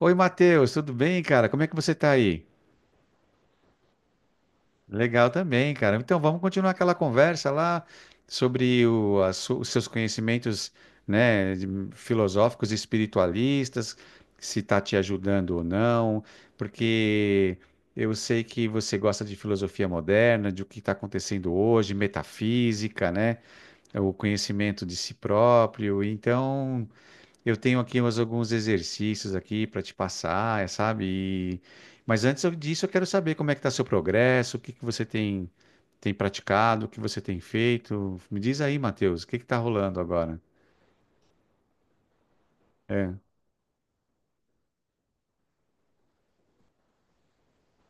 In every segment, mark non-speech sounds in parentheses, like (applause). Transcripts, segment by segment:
Oi, Matheus, tudo bem, cara? Como é que você tá aí? Legal também, cara. Então, vamos continuar aquela conversa lá sobre os seus conhecimentos, né, filosóficos e espiritualistas, se está te ajudando ou não, porque eu sei que você gosta de filosofia moderna, de o que está acontecendo hoje, metafísica, né, o conhecimento de si próprio. Então, eu tenho aqui mais alguns exercícios aqui para te passar, é, sabe? E- Mas antes disso, eu quero saber como é que está seu progresso, o que que você tem, tem praticado, o que você tem feito. Me diz aí, Matheus, o que que está rolando agora? É,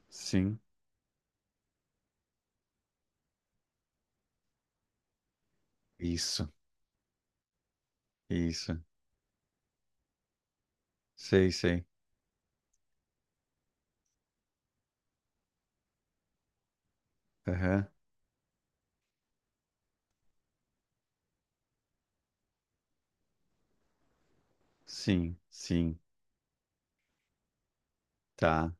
sim, isso, isso, sei, sei. Aham, sim, sim, tá.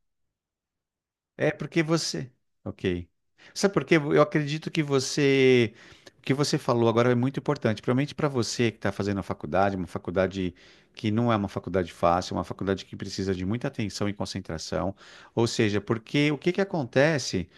É porque você. Ok. Sabe por quê? Eu acredito que você. O que você falou agora é muito importante, principalmente para você que está fazendo a faculdade, uma faculdade que não é uma faculdade fácil, uma faculdade que precisa de muita atenção e concentração. Ou seja, porque o que que acontece?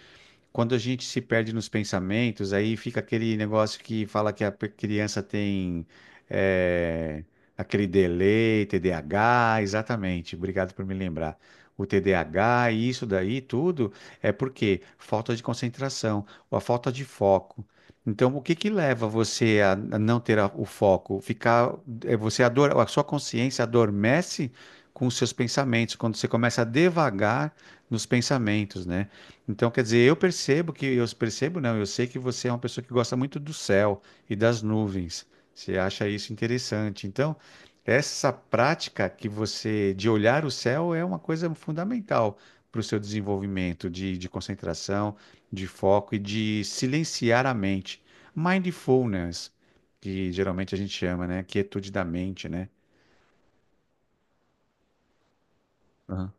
Quando a gente se perde nos pensamentos, aí fica aquele negócio que fala que a criança tem eh, aquele delay, TDAH, exatamente. Obrigado por me lembrar. O TDAH e isso daí tudo é porque falta de concentração, ou a falta de foco. Então, o que que leva você a não ter o foco? Ficar, é, você ador, a sua consciência adormece com os seus pensamentos, quando você começa a devagar nos pensamentos, né? Então, quer dizer, eu percebo que, eu percebo não, eu sei que você é uma pessoa que gosta muito do céu e das nuvens. Você acha isso interessante. Então, essa prática que você de olhar o céu é uma coisa fundamental para o seu desenvolvimento de concentração, de foco e de silenciar a mente. Mindfulness, que geralmente a gente chama, né? Quietude da mente, né? Aham.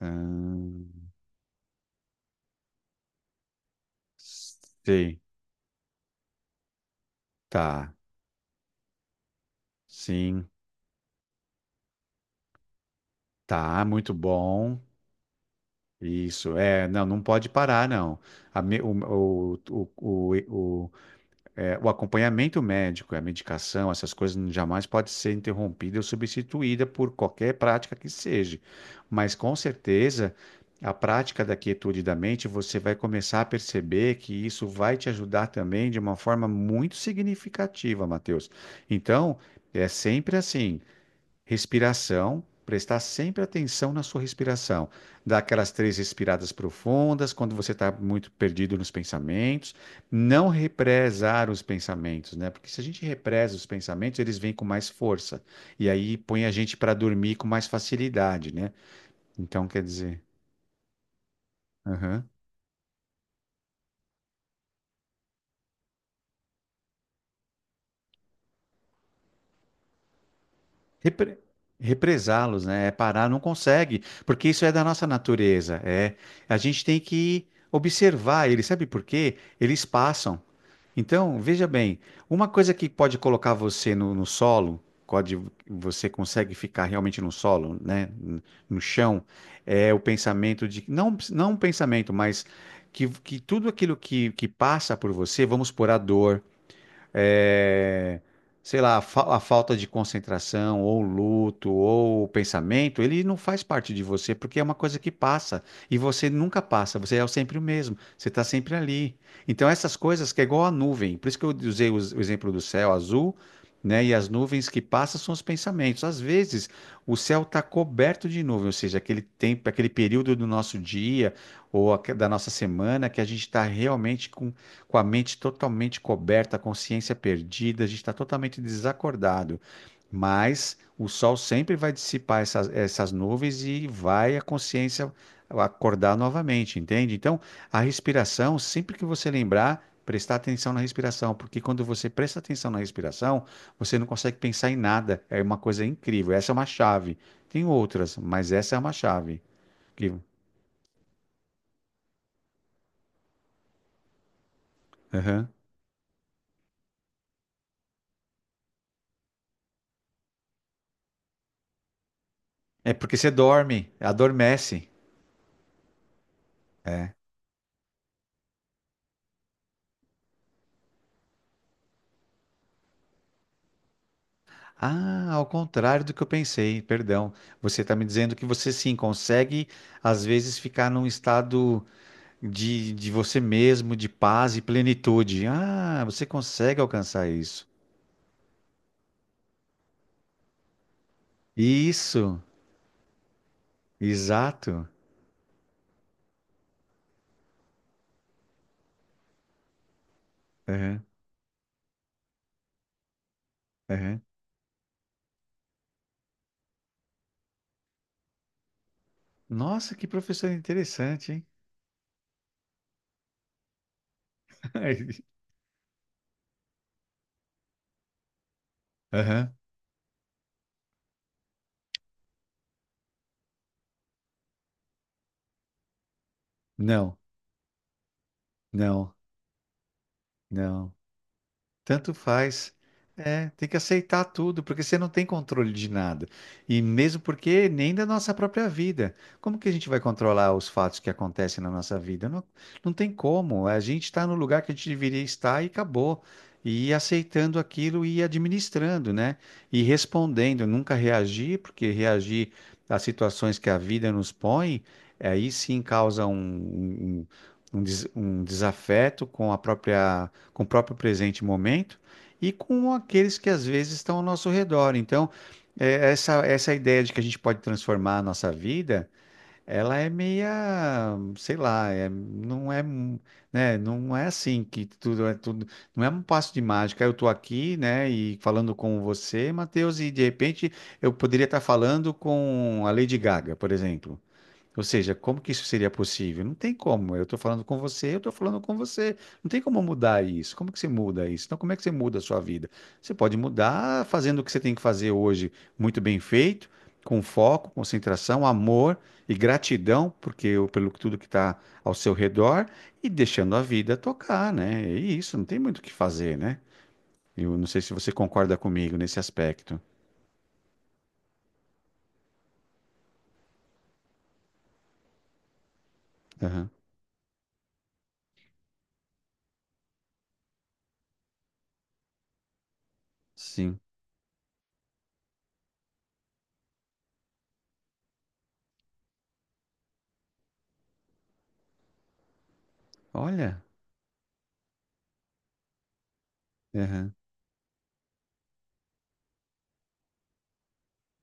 Ahn, sei, tá, sim, tá, muito bom. Isso, é, não, não pode parar, não. A me- o, é, o acompanhamento médico, a medicação, essas coisas jamais pode ser interrompida ou substituída por qualquer prática que seja. Mas com certeza, a prática da quietude da mente, você vai começar a perceber que isso vai te ajudar também de uma forma muito significativa, Matheus. Então, é sempre assim. Respiração, prestar sempre atenção na sua respiração. Dar aquelas três respiradas profundas quando você está muito perdido nos pensamentos. Não represar os pensamentos, né? Porque se a gente represa os pensamentos, eles vêm com mais força. E aí põe a gente para dormir com mais facilidade, né? Então, quer dizer. Aham. Repre- Represá-los, né? É parar, não consegue, porque isso é da nossa natureza. É, a gente tem que observar eles, sabe por quê? Eles passam. Então, veja bem, uma coisa que pode colocar você no solo, pode, você consegue ficar realmente no solo, né? No chão, é o pensamento de, não, não um pensamento, mas que tudo aquilo que passa por você, vamos por a dor é, sei lá, a a falta de concentração, ou luto, ou pensamento, ele não faz parte de você, porque é uma coisa que passa. E você nunca passa, você é sempre o mesmo, você está sempre ali. Então, essas coisas que é igual a nuvem, por isso que eu usei o exemplo do céu azul. Né? E as nuvens que passam são os pensamentos. Às vezes, o céu está coberto de nuvem, ou seja, aquele tempo, aquele período do nosso dia ou da nossa semana que a gente está realmente com a mente totalmente coberta, a consciência perdida, a gente está totalmente desacordado. Mas o sol sempre vai dissipar essas nuvens e vai a consciência acordar novamente, entende? Então, a respiração, sempre que você lembrar, prestar atenção na respiração, porque quando você presta atenção na respiração, você não consegue pensar em nada. É uma coisa incrível. Essa é uma chave. Tem outras, mas essa é uma chave. Que- Aham. É porque você dorme, adormece. É. Ah, ao contrário do que eu pensei, perdão. Você está me dizendo que você sim consegue, às vezes, ficar num estado de você mesmo, de paz e plenitude. Ah, você consegue alcançar isso. Isso, exato. Aham, aham. Nossa, que professor interessante, hein? (laughs) Aham. Não, não, não. Tanto faz. É, tem que aceitar tudo, porque você não tem controle de nada. E mesmo porque nem da nossa própria vida. Como que a gente vai controlar os fatos que acontecem na nossa vida? Não, não tem como. A gente está no lugar que a gente deveria estar e acabou. E ir aceitando aquilo e ir administrando, né? E respondendo, nunca reagir, porque reagir às situações que a vida nos põe, aí sim causa um desafeto com a própria com o próprio presente momento e com aqueles que às vezes estão ao nosso redor. Então, é, essa ideia de que a gente pode transformar a nossa vida, ela é meia, sei lá, é, não é, né, não é assim que tudo é tudo, não é um passo de mágica. Eu estou aqui, né, e falando com você, Matheus, e de repente eu poderia estar falando com a Lady Gaga, por exemplo. Ou seja, como que isso seria possível? Não tem como. Eu estou falando com você, eu estou falando com você. Não tem como mudar isso. Como que você muda isso? Então, como é que você muda a sua vida? Você pode mudar fazendo o que você tem que fazer hoje muito bem feito, com foco, concentração, amor e gratidão porque pelo tudo que está ao seu redor e deixando a vida tocar, né? É isso, não tem muito o que fazer, né? Eu não sei se você concorda comigo nesse aspecto. Aham. Sim. Olha. Aham.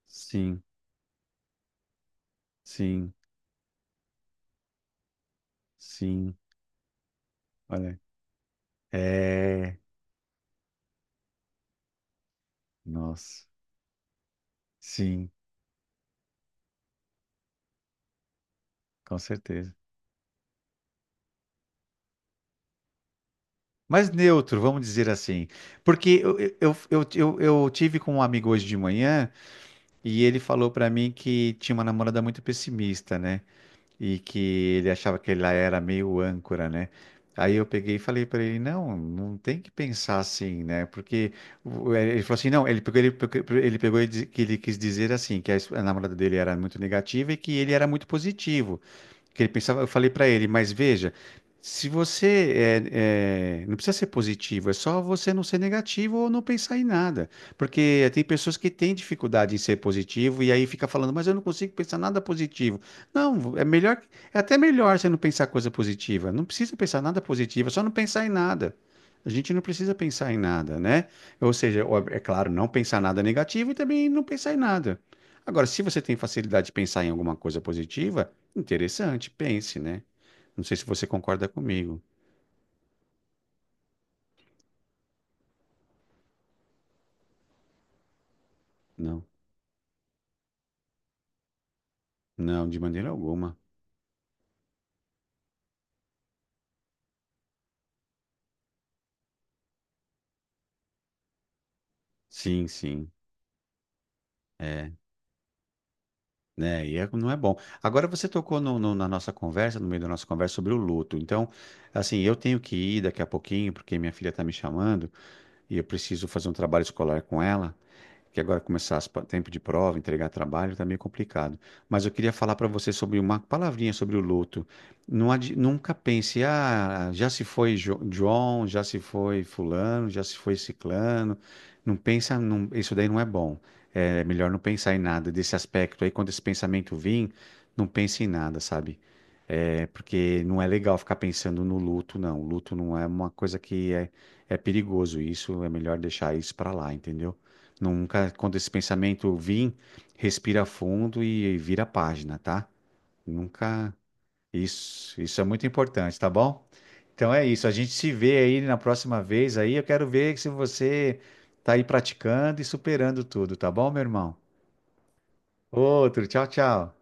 Sim. Sim. Sim. Olha, é, nossa, sim, com certeza. Mas neutro, vamos dizer assim, porque eu tive com um amigo hoje de manhã e ele falou pra mim que tinha uma namorada muito pessimista, né? E que ele achava que ela era meio âncora, né? Aí eu peguei e falei pra ele, não, não tem que pensar assim, né? Porque ele falou assim, não, ele pegou, ele, ele pegou e que ele quis dizer assim, que a namorada dele era muito negativa e que ele era muito positivo. Que ele pensava, eu falei para ele, mas veja, se você não precisa ser positivo, é só você não ser negativo ou não pensar em nada, porque tem pessoas que têm dificuldade em ser positivo e aí fica falando, mas eu não consigo pensar nada positivo. Não, é melhor, é até melhor você não pensar coisa positiva. Não precisa pensar nada positivo, é só não pensar em nada. A gente não precisa pensar em nada, né? Ou seja, ó, é claro, não pensar nada negativo e também não pensar em nada. Agora, se você tem facilidade de pensar em alguma coisa positiva, interessante, pense, né? Não sei se você concorda comigo. Não, não, de maneira alguma. Sim, sim. É, né? Não é bom. Agora você tocou na nossa conversa, no meio da nossa conversa sobre o luto. Então, assim, eu tenho que ir daqui a pouquinho, porque minha filha está me chamando e eu preciso fazer um trabalho escolar com ela. Que agora começar tempo de prova, entregar trabalho, tá meio complicado. Mas eu queria falar para você sobre uma palavrinha sobre o luto. Nunca pense, ah, já se foi João, já se foi fulano, já se foi ciclano. Não pensa, isso daí não é bom. É melhor não pensar em nada desse aspecto aí. Quando esse pensamento vir, não pense em nada, sabe? É, porque não é legal ficar pensando no luto, não. O luto não é uma coisa que é, é perigoso. Isso é melhor deixar isso para lá, entendeu? Nunca, quando esse pensamento vir, respira fundo e vira a página, tá? Nunca. Isso é muito importante, tá bom? Então é isso. A gente se vê aí na próxima vez aí. Eu quero ver se você tá aí praticando e superando tudo, tá bom, meu irmão? Outro, tchau, tchau.